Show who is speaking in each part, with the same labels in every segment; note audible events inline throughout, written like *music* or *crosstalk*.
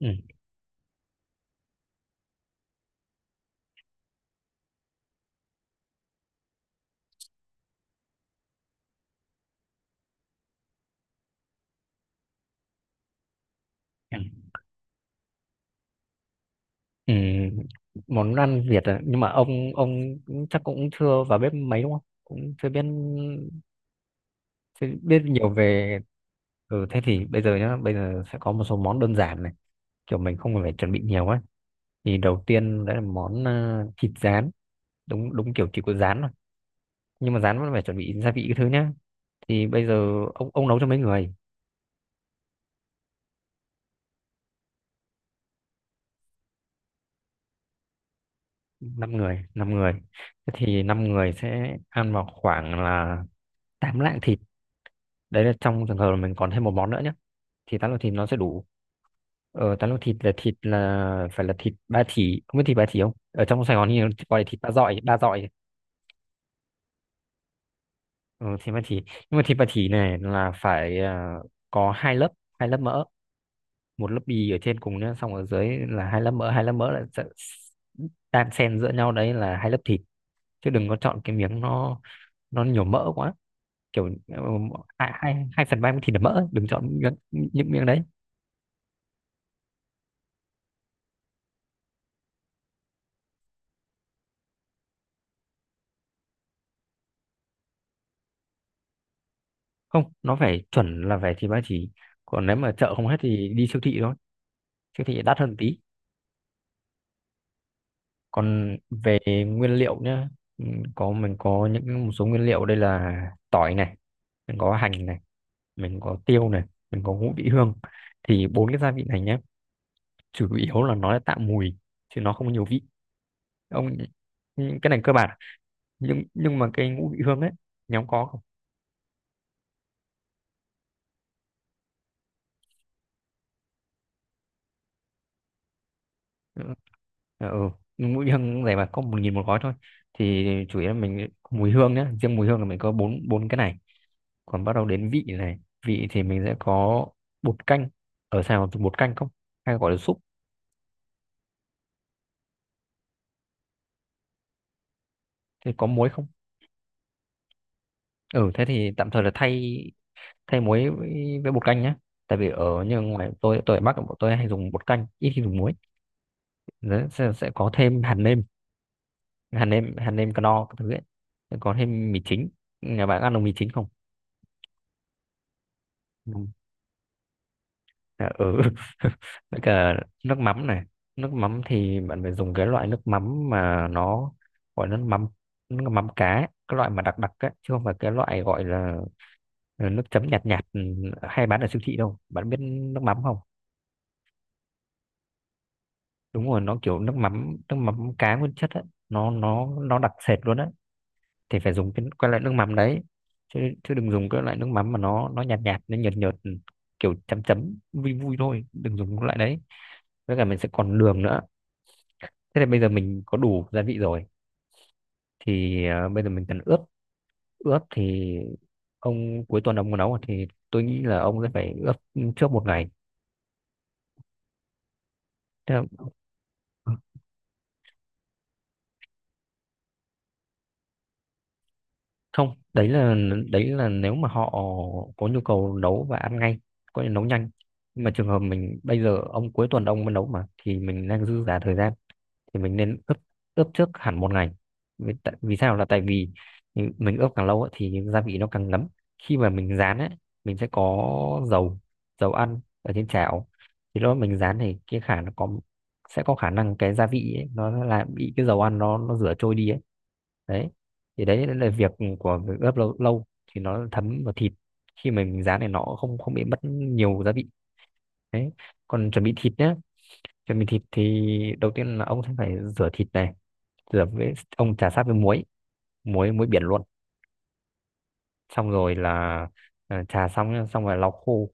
Speaker 1: Ừ. Ừ. Ừ. Món ăn Việt à? Nhưng mà ông chắc cũng chưa vào bếp mấy, đúng không, cũng chưa biết nhiều về... Thế thì bây giờ sẽ có một số món đơn giản này, kiểu mình không cần phải chuẩn bị nhiều ấy. Thì đầu tiên đấy là món thịt rán. Đúng đúng, kiểu chỉ có rán thôi. Nhưng mà rán vẫn phải chuẩn bị gia vị cái thứ nhá. Thì bây giờ ông nấu cho mấy người? Năm người. Năm người. Thế thì năm người sẽ ăn vào khoảng là 8 lạng thịt. Đấy là trong trường hợp là mình còn thêm một món nữa nhá. Thì tán lô thịt nó sẽ đủ. Tán lô thịt là phải là thịt ba chỉ. Không biết thịt ba chỉ không, ở trong Sài Gòn thì nó gọi là thịt ba dọi, ba dọi. Ừ, thịt ba chỉ. Nhưng mà thịt ba chỉ này là phải à, có hai lớp, hai lớp mỡ. Một lớp bì ở trên cùng nữa, xong ở dưới là hai lớp mỡ, hai lớp mỡ là sẽ đan xen giữa nhau, đấy là hai lớp thịt. Chứ đừng có chọn cái miếng nó nhiều mỡ quá, kiểu hai hai hai phần ba miếng thịt là mỡ, đừng chọn miếng, những miếng đấy. Không, nó phải chuẩn, là phải thì ba chỉ. Còn nếu mà chợ không hết thì đi siêu thị thôi. Siêu thị đắt hơn tí. Còn về nguyên liệu nhá, ừ, mình có những một số nguyên liệu đây là: tỏi này, mình có hành này, mình có tiêu này, mình có ngũ vị hương. Thì bốn cái gia vị này nhé, chủ yếu là nó là tạo mùi, chứ nó không có nhiều vị. Ông, cái này cơ bản. Nhưng mà cái ngũ vị hương ấy, nhóm có không? Ừ. Ờ. Ừ. Mũi hương này mà có 1.000 một gói thôi. Thì chủ yếu là mình có mùi hương nhá, riêng mùi hương là mình có bốn bốn cái này. Còn bắt đầu đến vị này, vị thì mình sẽ có bột canh. Ở Sài Gòn thì bột canh không, hay gọi là súp? Thì có muối không? Ừ, thế thì tạm thời là thay thay muối với, bột canh nhé. Tại vì ở như ngoài tôi, ở Bắc bọn tôi hay dùng bột canh, ít khi dùng muối. Đấy, sẽ có thêm hạt nêm. Hạt nêm cano các thứ ấy. Sẽ có thêm mì chính. Nhà bạn ăn được mì chính không? Dạ. Ừ. *laughs* Với cả nước mắm này. Nước mắm thì bạn phải dùng cái loại nước mắm mà nó gọi là nước mắm, nước mắm cá ấy, cái loại mà đặc đặc ấy, chứ không phải cái loại gọi là nước chấm nhạt nhạt, hay bán ở siêu thị đâu, bạn biết nước mắm không? Đúng rồi, nó kiểu nước mắm, nước mắm cá nguyên chất ấy, nó đặc sệt luôn á. Thì phải dùng cái loại nước mắm đấy. Chứ chứ đừng dùng cái loại nước mắm mà nó nhạt nhạt, nó nhợt nhợt, kiểu chấm chấm vui vui thôi, đừng dùng cái loại đấy. Với cả mình sẽ còn đường nữa. Thế là bây giờ mình có đủ gia vị rồi. Thì bây giờ mình cần ướp. Ướp thì, ông cuối tuần ông muốn nấu thì tôi nghĩ là ông sẽ phải ướp trước một ngày. Thế là không, đấy là nếu mà họ có nhu cầu nấu và ăn ngay, có thể nấu nhanh. Nhưng mà trường hợp mình bây giờ, ông cuối tuần ông mới nấu mà, thì mình đang dư giả thời gian, thì mình nên ướp ướp trước hẳn một ngày. Vì sao là tại vì mình ướp càng lâu ấy, thì gia vị nó càng ngấm. Khi mà mình rán ấy, mình sẽ có dầu dầu ăn ở trên chảo, thì lúc đó mình rán thì cái khả nó có sẽ có khả năng cái gia vị ấy, nó là bị cái dầu ăn nó rửa trôi đi ấy, đấy. Thì đấy là việc của việc ướp lâu, lâu thì nó thấm vào thịt, khi mình rán này nó không không bị mất nhiều gia vị, đấy. Còn chuẩn bị thịt nhé, chuẩn bị thịt thì đầu tiên là ông sẽ phải rửa thịt này, rửa với ông chà sát với muối, muối biển luôn. Xong rồi là, chà xong nhá, xong rồi lau khô.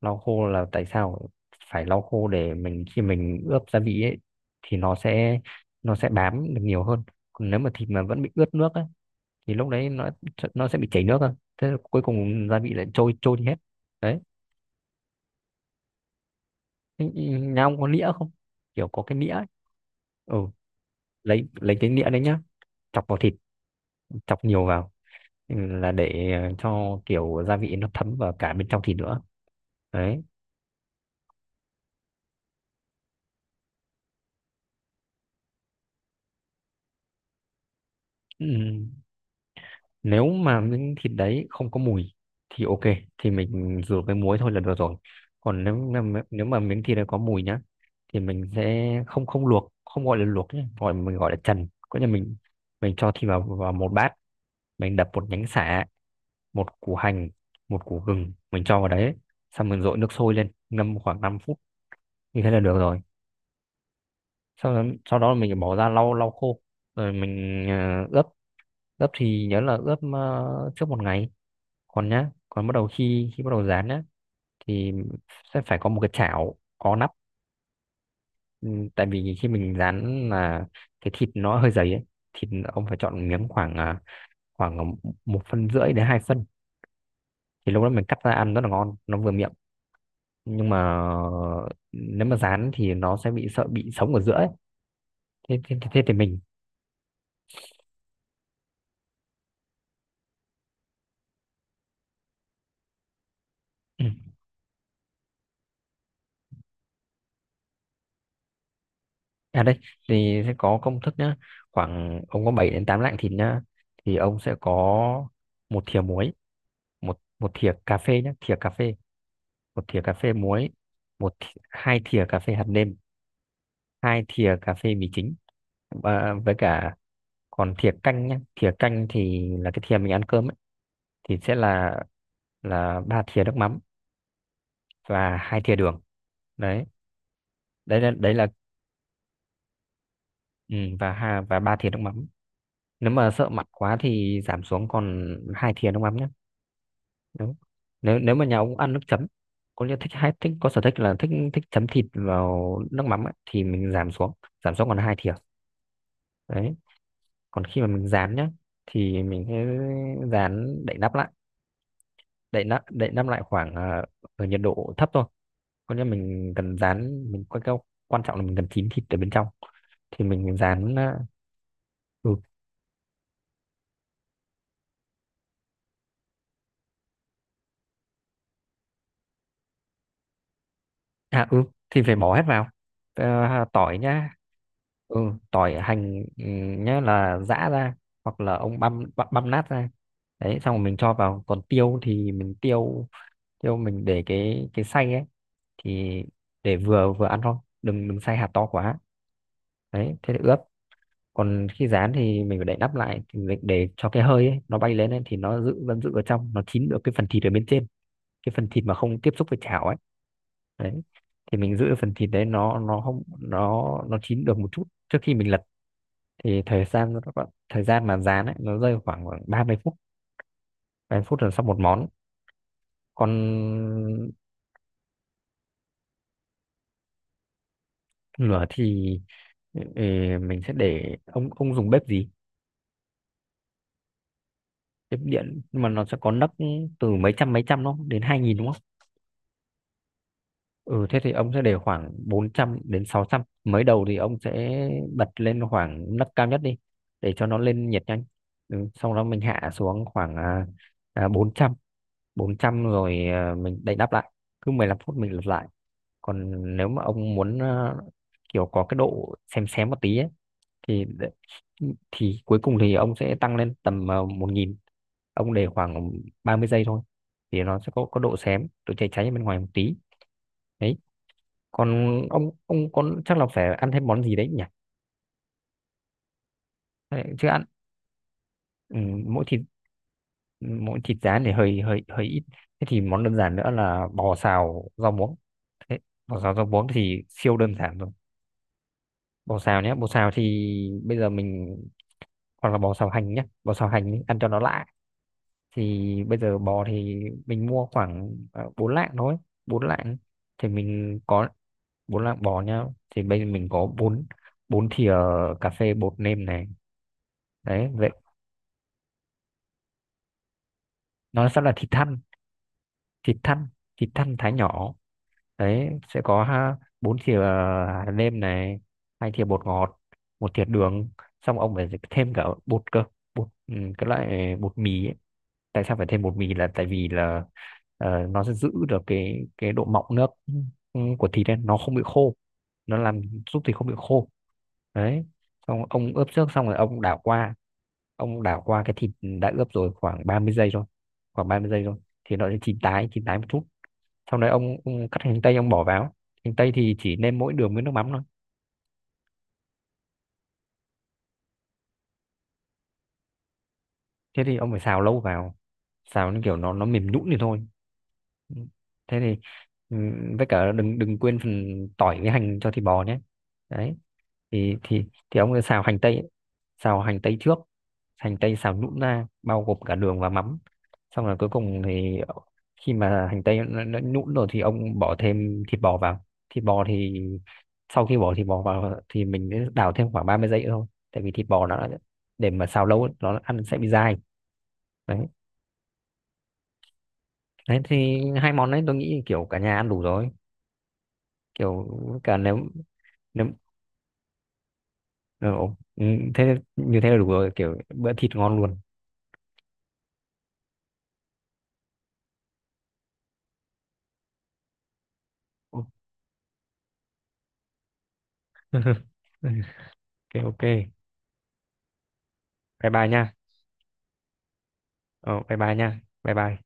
Speaker 1: Lau khô là tại sao phải lau khô? Để mình khi mình ướp gia vị ấy thì nó sẽ bám được nhiều hơn. Còn nếu mà thịt mà vẫn bị ướt nước ấy, thì lúc đấy nó sẽ bị chảy nước thôi, thế là cuối cùng gia vị lại trôi trôi đi hết, đấy. Thế nhà ông có nĩa không, kiểu có cái nĩa ấy? Ừ, lấy cái nĩa đấy nhá, chọc vào thịt, chọc nhiều vào, là để cho kiểu gia vị nó thấm vào cả bên trong thịt nữa, đấy. Ừ. Nếu mà miếng thịt đấy không có mùi thì ok, thì mình rửa với muối thôi là được rồi. Còn nếu mà miếng thịt này có mùi nhá, thì mình sẽ không không luộc, không gọi là luộc nhé, gọi, mình gọi là trần, có nghĩa là mình cho thịt vào vào một bát. Mình đập một nhánh sả, một củ hành, một củ gừng mình cho vào đấy, xong mình dội nước sôi lên ngâm khoảng 5 phút, như thế là được rồi. Sau đó, mình bỏ ra lau lau khô, rồi mình ướp. Ướp thì nhớ là ướp trước một ngày. Còn nhá, còn bắt đầu khi khi bắt đầu dán nhá, thì sẽ phải có một cái chảo có nắp. Ừ, tại vì khi mình dán là cái thịt nó hơi dày ấy, thịt ông phải chọn miếng khoảng khoảng 1,5 đến 2 phân, thì lúc đó mình cắt ra ăn rất là ngon, nó vừa miệng. Nhưng mà nếu mà dán thì nó sẽ bị sống ở giữa ấy. Thế thì mình... *clears throat* À đây, thì sẽ có công thức nhá. Khoảng ông có 7 đến 8 lạng thịt nhá, thì ông sẽ có một thìa muối. Một một thìa cà phê nhé, thìa cà phê, một thìa cà phê muối, hai thìa cà phê hạt nêm, hai thìa cà phê mì chính, và với cả, còn thìa canh nhé, thìa canh thì là cái thìa mình ăn cơm ấy, thì sẽ là ba thìa nước mắm và hai thìa đường. Đấy. Đấy là ừ, và ba thìa nước mắm. Nếu mà sợ mặn quá thì giảm xuống còn hai thìa nước mắm nhé. Đúng. Nếu nếu mà nhà ông ăn nước chấm, có nghĩa thích, có sở thích là thích thích chấm thịt vào nước mắm ấy, thì mình giảm xuống, giảm xuống còn hai thìa, đấy. Còn khi mà mình rán nhá, thì mình sẽ rán đậy nắp lại. Đậy nắp lại khoảng ở nhiệt độ thấp thôi, có nghĩa mình cần rán, mình quan quan trọng là mình cần chín thịt ở bên trong. Thì mình rán, ừ, à, ừ, thì phải bỏ hết vào. Ờ, tỏi nhá. Ừ, tỏi, hành, ừ, nhá, là giã ra, hoặc là ông băm băm, băm nát ra, đấy, xong rồi mình cho vào. Còn tiêu thì mình, tiêu tiêu, mình để cái xay ấy, thì để vừa vừa ăn thôi, đừng đừng xay hạt to quá. Đấy, thế là ướp. Còn khi rán thì mình phải đậy nắp lại, thì để cho cái hơi ấy, nó bay lên ấy, thì nó vẫn giữ ở trong, nó chín được cái phần thịt ở bên trên, cái phần thịt mà không tiếp xúc với chảo ấy, đấy. Thì mình giữ phần thịt đấy, nó không, nó chín được một chút trước khi mình lật. Thì thời gian mà rán ấy, nó rơi khoảng khoảng 30 phút. Ba mươi phút là xong một món. Còn lửa thì ừ, mình sẽ để, ông dùng bếp gì? Bếp điện, nhưng mà nó sẽ có nấc, từ mấy trăm, đúng không, đến 2.000 đúng? Ừ thế thì ông sẽ để khoảng 400 đến 600. Mới đầu thì ông sẽ bật lên khoảng nấc cao nhất đi, để cho nó lên nhiệt nhanh. Ừ, xong đó mình hạ xuống khoảng à, bốn trăm bốn trăm rồi, mình đậy nắp lại. Cứ 15 phút mình lật lại. Còn nếu mà ông muốn kiểu có cái độ xém xém một tí ấy, thì đ- thì cuối cùng thì ông sẽ tăng lên tầm 1.000. Ông để khoảng 30 giây thôi, thì nó sẽ có độ xém, độ cháy cháy ở bên ngoài một tí. Đấy. Còn ông con chắc là phải ăn thêm món gì đấy nhỉ? Đấy, chứ ăn... Ừ, mỗi thịt mỗi thịt rán thì hơi hơi hơi ít. Thế thì món đơn giản nữa là bò xào rau muống. Thế, bò xào rau muống thì siêu đơn giản rồi. Bò xào nhé, bò xào thì bây giờ mình, hoặc là bò xào hành nhé, bò xào hành ý, ăn cho nó lạ. Thì bây giờ bò thì mình mua khoảng 4 lạng thôi, 4 lạng. Thì mình có 4 lạng bò nhá. Thì bây giờ mình có bốn bốn thìa cà phê bột nêm này, đấy vậy. Nó sẽ là thịt thăn. Thịt thăn thịt thăn thái nhỏ. Đấy, sẽ có bốn thìa hạt nêm này, hai thìa bột ngọt, một thìa đường. Xong ông phải thêm cả bột cơ, bột, cái loại bột mì ấy. Tại sao phải thêm bột mì là tại vì là nó sẽ giữ được cái độ mọng nước, của thịt ấy, nó không bị khô. Nó làm Giúp thịt không bị khô, đấy. Xong ông ướp trước, xong rồi ông đảo qua cái thịt đã ướp rồi, khoảng 30 giây thôi, khoảng 30 giây thôi, thì nó sẽ chín tái một chút. Sau đấy ông cắt hành tây, ông bỏ vào. Hành tây thì chỉ nêm mỗi đường với nước mắm. Thế thì ông phải xào lâu vào, xào như kiểu nó mềm nhũn thì thôi. Ừ. Thế thì, ừ, với cả đừng đừng quên phần tỏi với hành cho thịt bò nhé, đấy. Thì thì thì ông cứ xào hành tây ấy, xào hành tây trước, hành tây xào nhũn ra, bao gồm cả đường và mắm. Xong rồi cuối cùng thì khi mà hành tây nó nhũn rồi thì ông bỏ thêm thịt bò vào. Thịt bò thì sau khi bỏ thịt bò vào thì mình đảo thêm khoảng 30 giây nữa thôi. Tại vì thịt bò để mà xào lâu ấy, nó ăn sẽ bị dai, đấy. Đấy thì hai món đấy tôi nghĩ kiểu cả nhà ăn đủ rồi, kiểu cả, nếu nếu ừ, ừ, thế như thế là đủ rồi, kiểu bữa thịt ngon luôn. *laughs* Ok, ok, bye bye nha. Ờ, Bye bye nha, bye bye.